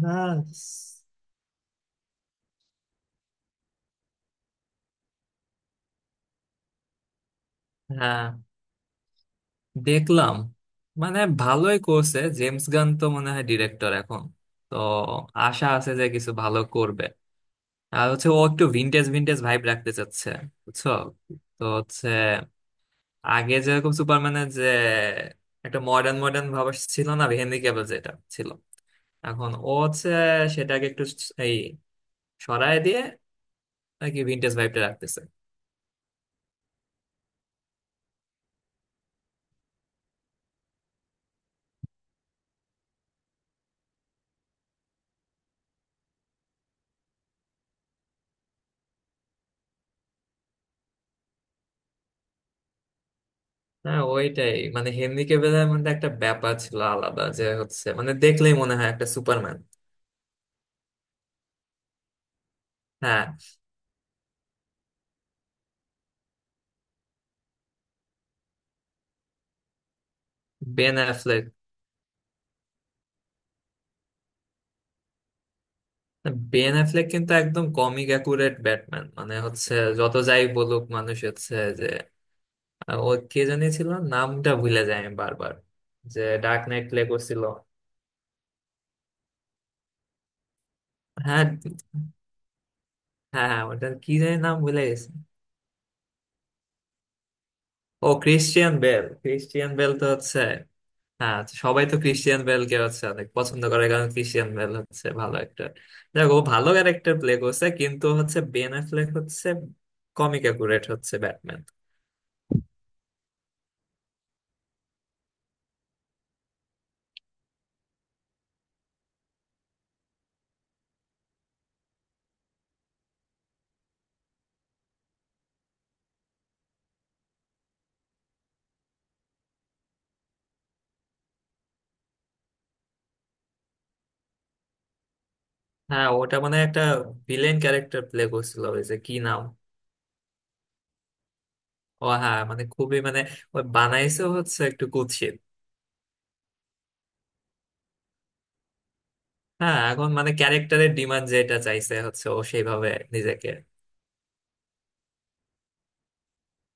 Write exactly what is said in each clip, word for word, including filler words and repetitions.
হ্যাঁ হ্যাঁ, দেখলাম। মানে ভালোই করছে, জেমস গান তো মনে হয় ডিরেক্টর এখন, তো আশা আছে যে কিছু ভালো করবে। আর হচ্ছে ও একটু ভিনটেজ ভিনটেজ ভাইব রাখতে চাচ্ছে, বুঝছো। তো হচ্ছে আগে যেরকম সুপারম্যানের যে একটা মডার্ন মডার্ন ভাব ছিল না, হেনরি ক্যাভিল যেটা ছিল, এখন ও হচ্ছে সেটাকে একটু এই সরায় দিয়ে নাকি ভিনটেজ ভাইবটা রাখতেছে। হ্যাঁ, ওইটাই মানে হেনরি ক্যাভিলের মধ্যে একটা ব্যাপার ছিল আলাদা, যে হচ্ছে মানে দেখলেই মনে হয় একটা সুপারম্যান। হ্যাঁ, বেন অ্যাফ্লেক। বেন অ্যাফ্লেক কিন্তু একদম কমিক অ্যাকুরেট ব্যাটম্যান, মানে হচ্ছে যত যাই বলুক মানুষ হচ্ছে যে আহ, ও কে জানি ছিল, নামটা ভুলে যায় আমি বারবার, যে ডার্ক নাইট প্লে করছিল। হ্যাঁ হ্যাঁ হ্যাঁ, ওটার কি জানি নাম ভুলে গেছে। ও, ক্রিশ্চিয়ান বেল। ক্রিশ্চিয়ান বেল তো হচ্ছে, হ্যাঁ। তো সবাই তো ক্রিশ্চিয়ান বেলকে হচ্ছে অনেক পছন্দ করে, কারণ ক্রিশ্চিয়ান বেল হচ্ছে ভালো একটা, দেখো, ও ভালো ক্যারেক্টার প্লে করছে, কিন্তু হচ্ছে বেন অ্যাফ্লেক হচ্ছে কমিক অ্যাকুরেট হচ্ছে ব্যাটম্যান। হ্যাঁ, ওটা মানে একটা ভিলেন ক্যারেক্টার প্লে করছিল ওই যে কি নাম। ও হ্যাঁ, মানে খুবই মানে ওই বানাইছে হচ্ছে একটু কুৎসিত। হ্যাঁ, এখন মানে ক্যারেক্টারের ডিমান্ড যেটা চাইছে হচ্ছে ও সেইভাবে নিজেকে।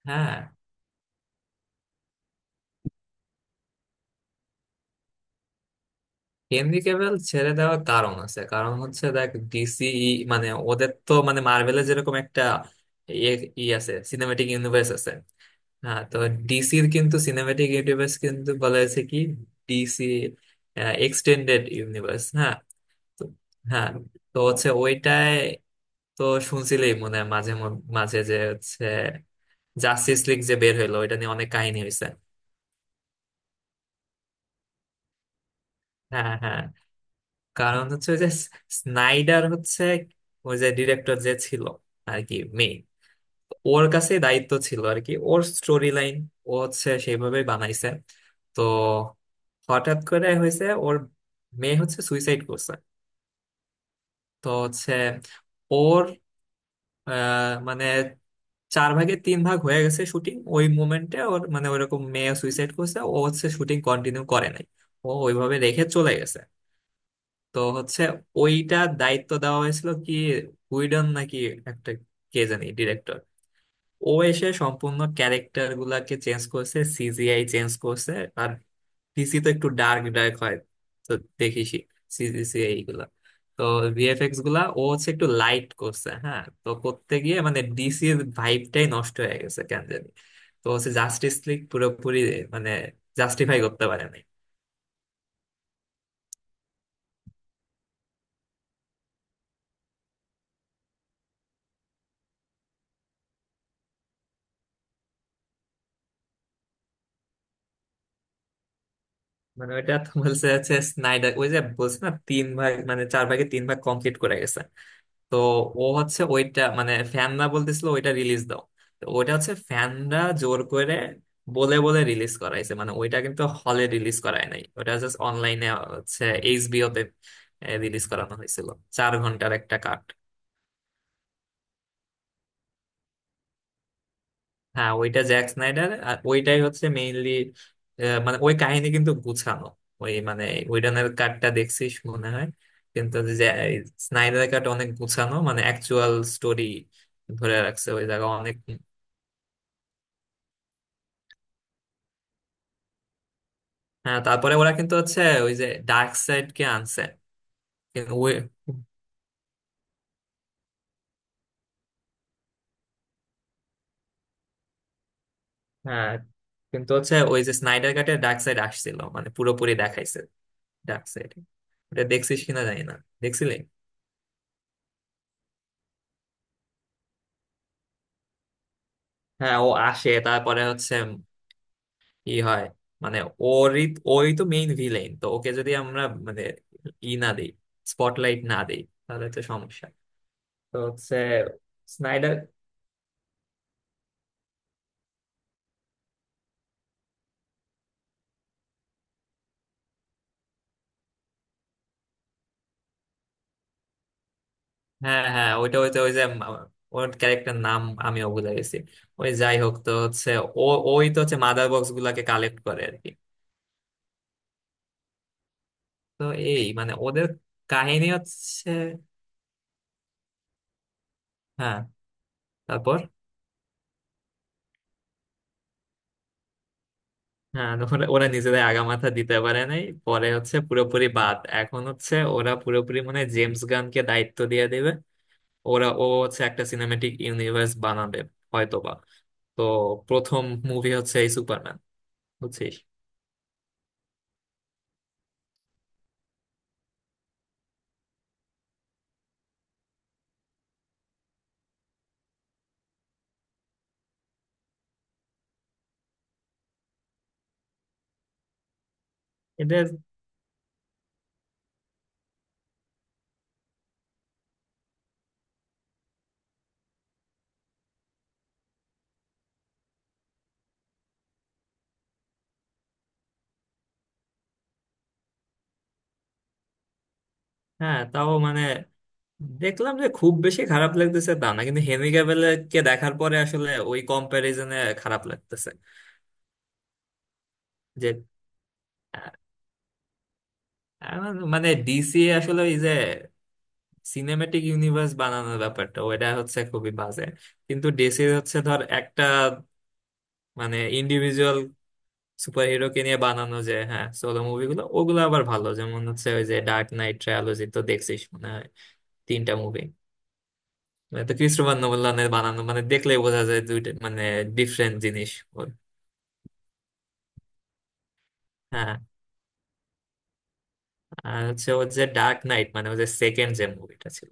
হ্যাঁ, হেনরি ক্যাভিল ছেড়ে দেওয়ার কারণ আছে, কারণ হচ্ছে দেখ, ডিসি, মানে ওদের তো মানে মার্ভেলের যেরকম একটা ইয়ে ই আছে, সিনেম্যাটিক ইউনিভার্স আছে। হ্যাঁ, তো ডিসির কিন্তু সিনেম্যাটিক ইউনিভার্স কিন্তু বলা হয়েছে কি ডিসি এক্সটেন্ডেড ইউনিভার্স। হ্যাঁ, তো, হ্যাঁ, তো হচ্ছে ওইটায় তো শুনছিলেই মনে হয় মাঝে মধ্যে- মাঝে যে হচ্ছে জাস্টিস লিগ যে বের হইলো ওইটা নিয়ে অনেক কাহিনী হয়েছে। হ্যাঁ হ্যাঁ, কারণ হচ্ছে ওই যে স্নাইডার হচ্ছে ওই যে ডিরেক্টর যে ছিল আর কি মেইন, ওর কাছে দায়িত্ব ছিল আর কি, ওর স্টোরি লাইন ও হচ্ছে সেইভাবে বানাইছে। তো হঠাৎ করে হয়েছে ওর মেয়ে হচ্ছে সুইসাইড করছে। তো হচ্ছে ওর আহ, মানে চার ভাগে তিন ভাগ হয়ে গেছে শুটিং, ওই মোমেন্টে ওর মানে ওইরকম মেয়ে সুইসাইড করছে, ও হচ্ছে শুটিং কন্টিনিউ করে নাই, ও ওইভাবে রেখে চলে গেছে। তো হচ্ছে ওইটা দায়িত্ব দেওয়া হয়েছিল কি উইডন নাকি একটা কে জানি ডিরেক্টর, ও এসে সম্পূর্ণ ক্যারেক্টার গুলাকে চেঞ্জ করছে, সিজিআই চেঞ্জ করছে। আর ডিসি তো একটু ডার্ক ডার্ক হয়, তো দেখিসই সিজিসিআই গুলা, তো ভিএফএক্স গুলা ও হচ্ছে একটু লাইট করছে। হ্যাঁ, তো করতে গিয়ে মানে ডিসির ভাইবটাই নষ্ট হয়ে গেছে কেন জানি। তো হচ্ছে জাস্টিস লিগ পুরোপুরি মানে জাস্টিফাই করতে পারেনি। মানে ওইটা তো বলছে হচ্ছে স্নাইডার ওই যে বলছে না তিন ভাগ মানে চার ভাগে তিন ভাগ কমপ্লিট করে গেছে। তো ও হচ্ছে ওইটা মানে ফ্যানরা বলতেছিল ওইটা রিলিজ দাও। তো ওইটা হচ্ছে ফ্যানরা জোর করে বলে বলে রিলিজ করাইছে, মানে ওইটা কিন্তু হলে রিলিজ করায় নাই, ওটা জাস্ট অনলাইনে হচ্ছে এইচবিও তে রিলিজ করানো হয়েছিল, চার ঘন্টার একটা কাট। হ্যাঁ, ওইটা জ্যাক স্নাইডার আর ওইটাই হচ্ছে মেইনলি, মানে ওই কাহিনী কিন্তু গুছানো। ওই মানে উইডনের কাটটা দেখছিস মনে হয়, কিন্তু স্নাইডারের কাট অনেক গুছানো, মানে অ্যাকচুয়াল স্টোরি ধরে রাখছে ওই জায়গা অনেক। হ্যাঁ, তারপরে ওরা কিন্তু হচ্ছে ওই যে ডার্ক সাইড কে আনছে কিন্তু ওই। হ্যাঁ, কিন্তু হচ্ছে ওই যে স্নাইডার কাটে ডার্ক সাইড আসছিল মানে পুরোপুরি দেখাইছে ডার্ক সাইড, এটা দেখছিস কিনা জানি না, দেখছিলি। হ্যাঁ, ও আসে, তারপরে হচ্ছে কি হয়, মানে ওরই, ওই তো মেইন ভিলেন, তো ওকে যদি আমরা মানে ই না দিই, স্পটলাইট না দিই, তাহলে তো সমস্যা। তো হচ্ছে স্নাইডার। হ্যাঁ হ্যাঁ, ওইটা ওই তো ওই যে মা- ওর ক্যারেক্টার নাম আমিও ভুলে গেছি। ওই যাই হোক, তো হচ্ছে ও ওই তো হচ্ছে মাদার বক্স গুলাকে কালেক্ট করে আর কি। তো এই মানে ওদের কাহিনী হচ্ছে, হ্যাঁ, তারপর। হ্যাঁ, ওরা ওরা নিজেদের আগামাথা দিতে পারে নাই, পরে হচ্ছে পুরোপুরি বাদ, এখন হচ্ছে ওরা পুরোপুরি মানে জেমস গানকে দায়িত্ব দিয়ে দেবে, ওরা ও হচ্ছে একটা সিনেমেটিক ইউনিভার্স বানাবে হয়তোবা। তো প্রথম মুভি হচ্ছে এই সুপারম্যান, বুঝছিস এটা। হ্যাঁ, তাও মানে দেখলাম যে খুব বেশি খারাপ লাগতেছে তা না, কিন্তু হেনরি ক্যাভিলকে দেখার পরে আসলে ওই কম্প্যারিজনে খারাপ লাগতেছে। যে আহ, আহ, মানে ডিসি আসলে ওই যে সিনেম্যাটিক ইউনিভার্স বানানোর ব্যাপারটা ওইটা হচ্ছে খুবই বাজে, কিন্তু ডিসির হচ্ছে ধর একটা মানে ইন্ডিভিজুয়াল সুপার হিরোকে নিয়ে বানানো যে হ্যাঁ সোলো মুভিগুলো, ওগুলো আবার ভালো, যেমন হচ্ছে ওই যে ডার্ক নাইট ট্রায়োলজি তো দেখছিস মনে হয়, তিনটা মুভি, তো ক্রিস্টোফার নোলানের বানানো, মানে দেখলেই বোঝা যায় দুইটা মানে ডিফারেন্ট জিনিস ওর। হ্যাঁ, আর হচ্ছে ওর যে ডার্ক নাইট মানে ওই যে সেকেন্ড যে মুভিটা ছিল,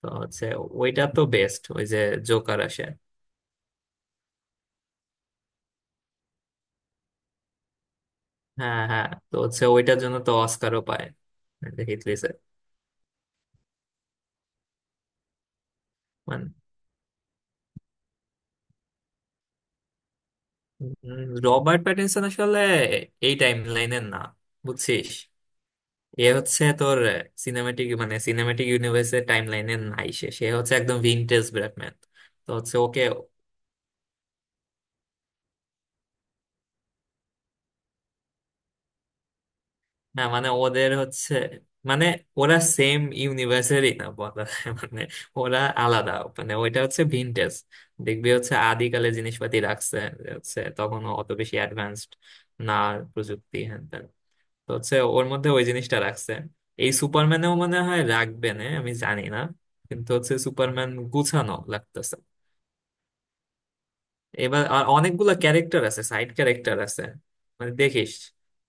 তো হচ্ছে ওইটা তো বেস্ট, ওই যে জোকার আসে। হ্যাঁ হ্যাঁ, তো হচ্ছে ওইটার জন্য তো অস্কারও পায়, হিথ লেজার। মানে উম, রবার্ট প্যাটিনসন আসলে এই টাইম লাইনের না, বুঝছিস। এ হচ্ছে তোর সিনেমাটিক মানে সিনেমাটিক ইউনিভার্সের টাইম লাইনের নাই, সে সে হচ্ছে একদম ভিনটেজ ব্যাটম্যান। তো হচ্ছে ওকে, না মানে ওদের হচ্ছে মানে ওরা সেম ইউনিভার্সেরই না, বলা যায়। মানে ওরা আলাদা, মানে ওইটা হচ্ছে ভিনটেজ। দেখবি হচ্ছে আদিকালে জিনিসপাতি রাখছে, যে হচ্ছে তখন অত বেশি অ্যাডভান্সড না, প্রযুক্তি হ্যান ত্যান। তো হচ্ছে ওর মধ্যে ওই জিনিসটা রাখছে। এই সুপারম্যানেও মনে হয় রাখবে না, আমি জানি না, কিন্তু হচ্ছে সুপারম্যান গুছানো লাগতেছে। এবার আর অনেকগুলো ক্যারেক্টার আছে, সাইড ক্যারেক্টার আছে, মানে দেখিস।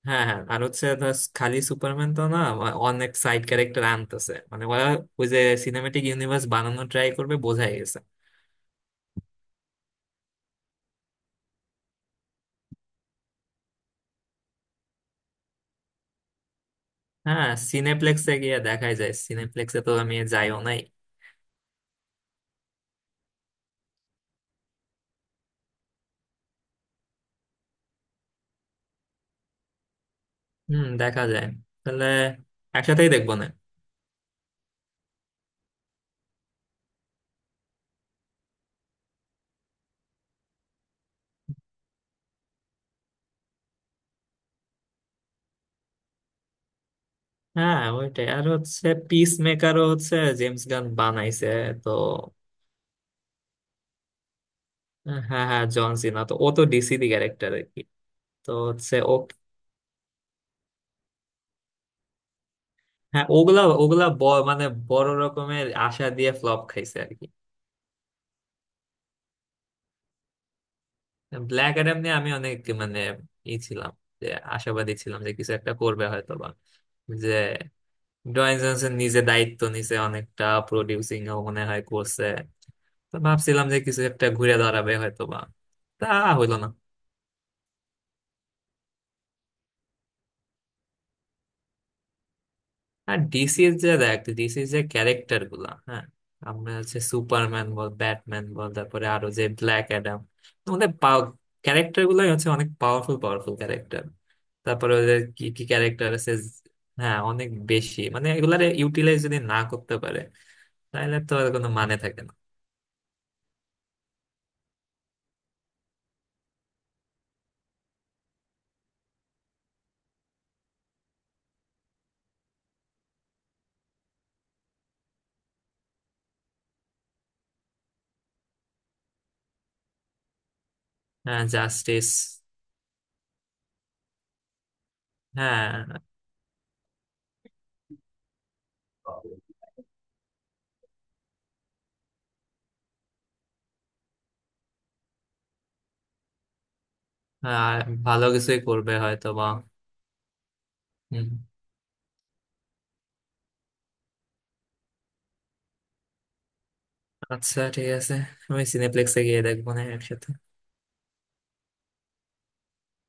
হ্যাঁ হ্যাঁ, আর হচ্ছে ধর খালি সুপারম্যান তো না, আ- অনেক সাইড ক্যারেক্টার আনতেছে, মানে ওরা ওই যে সিনেমেটিক ইউনিভার্স বানানো ট্রাই করবে বোঝাই গেছে। হ্যাঁ, সিনেপ্লেক্সে গিয়ে দেখাই যায়, সিনেপ্লেক্সে তো আমি যাইও নাই। হুম, দেখা যায়, তাহলে একসাথেই দেখবো না। হ্যাঁ, ওইটাই, আর হচ্ছে পিস মেকারও হচ্ছে জেমস গান বানাইছে। তো হ্যাঁ হ্যাঁ, জন সিনা তো ও তো ডিসি দি ক্যারেক্টার আর কি। তো হচ্ছে হ্যাঁ, ওগুলা ওগুলা ব- মানে বড় রকমের আশা দিয়ে ফ্লপ খাইছে আর কি। ব্ল্যাক অ্যাডাম নিয়ে আমি অনেক মানে ই ছিলাম, যে আশাবাদী ছিলাম যে কিছু একটা করবে হয়তো বা, যে ডয়েন জনসন নিজে দায়িত্ব নিছে অনেকটা, প্রডিউসিং ও মনে হয় করছে। তো ভাবছিলাম যে কিছু একটা ঘুরে দাঁড়াবে হয়তো বা, তা হইলো না। আর ডিসির যে দেখ ডিসির যে ক্যারেক্টার গুলা, হ্যাঁ, আমরা হচ্ছে সুপারম্যান বল, ব্যাটম্যান বল, তারপরে আরো যে ব্ল্যাক অ্যাডাম, আমাদের ক্যারেক্টার গুলাই হচ্ছে অনেক পাওয়ারফুল পাওয়ারফুল ক্যারেক্টার। তারপরে ওদের কি কি ক্যারেক্টার আছে, হ্যাঁ অনেক বেশি, মানে এগুলার ইউটিলাইজ যদি না করতে পারে তাহলে তো আর কোনো মানে থাকে না। হ্যাঁ, জাস্টিস। হ্যাঁ, আর ভালো কিছুই করবে হয়তো বা। হুম। আচ্ছা, ঠিক আছে, আমি সিনেপ্লেক্সে গিয়ে দেখবো না একসাথে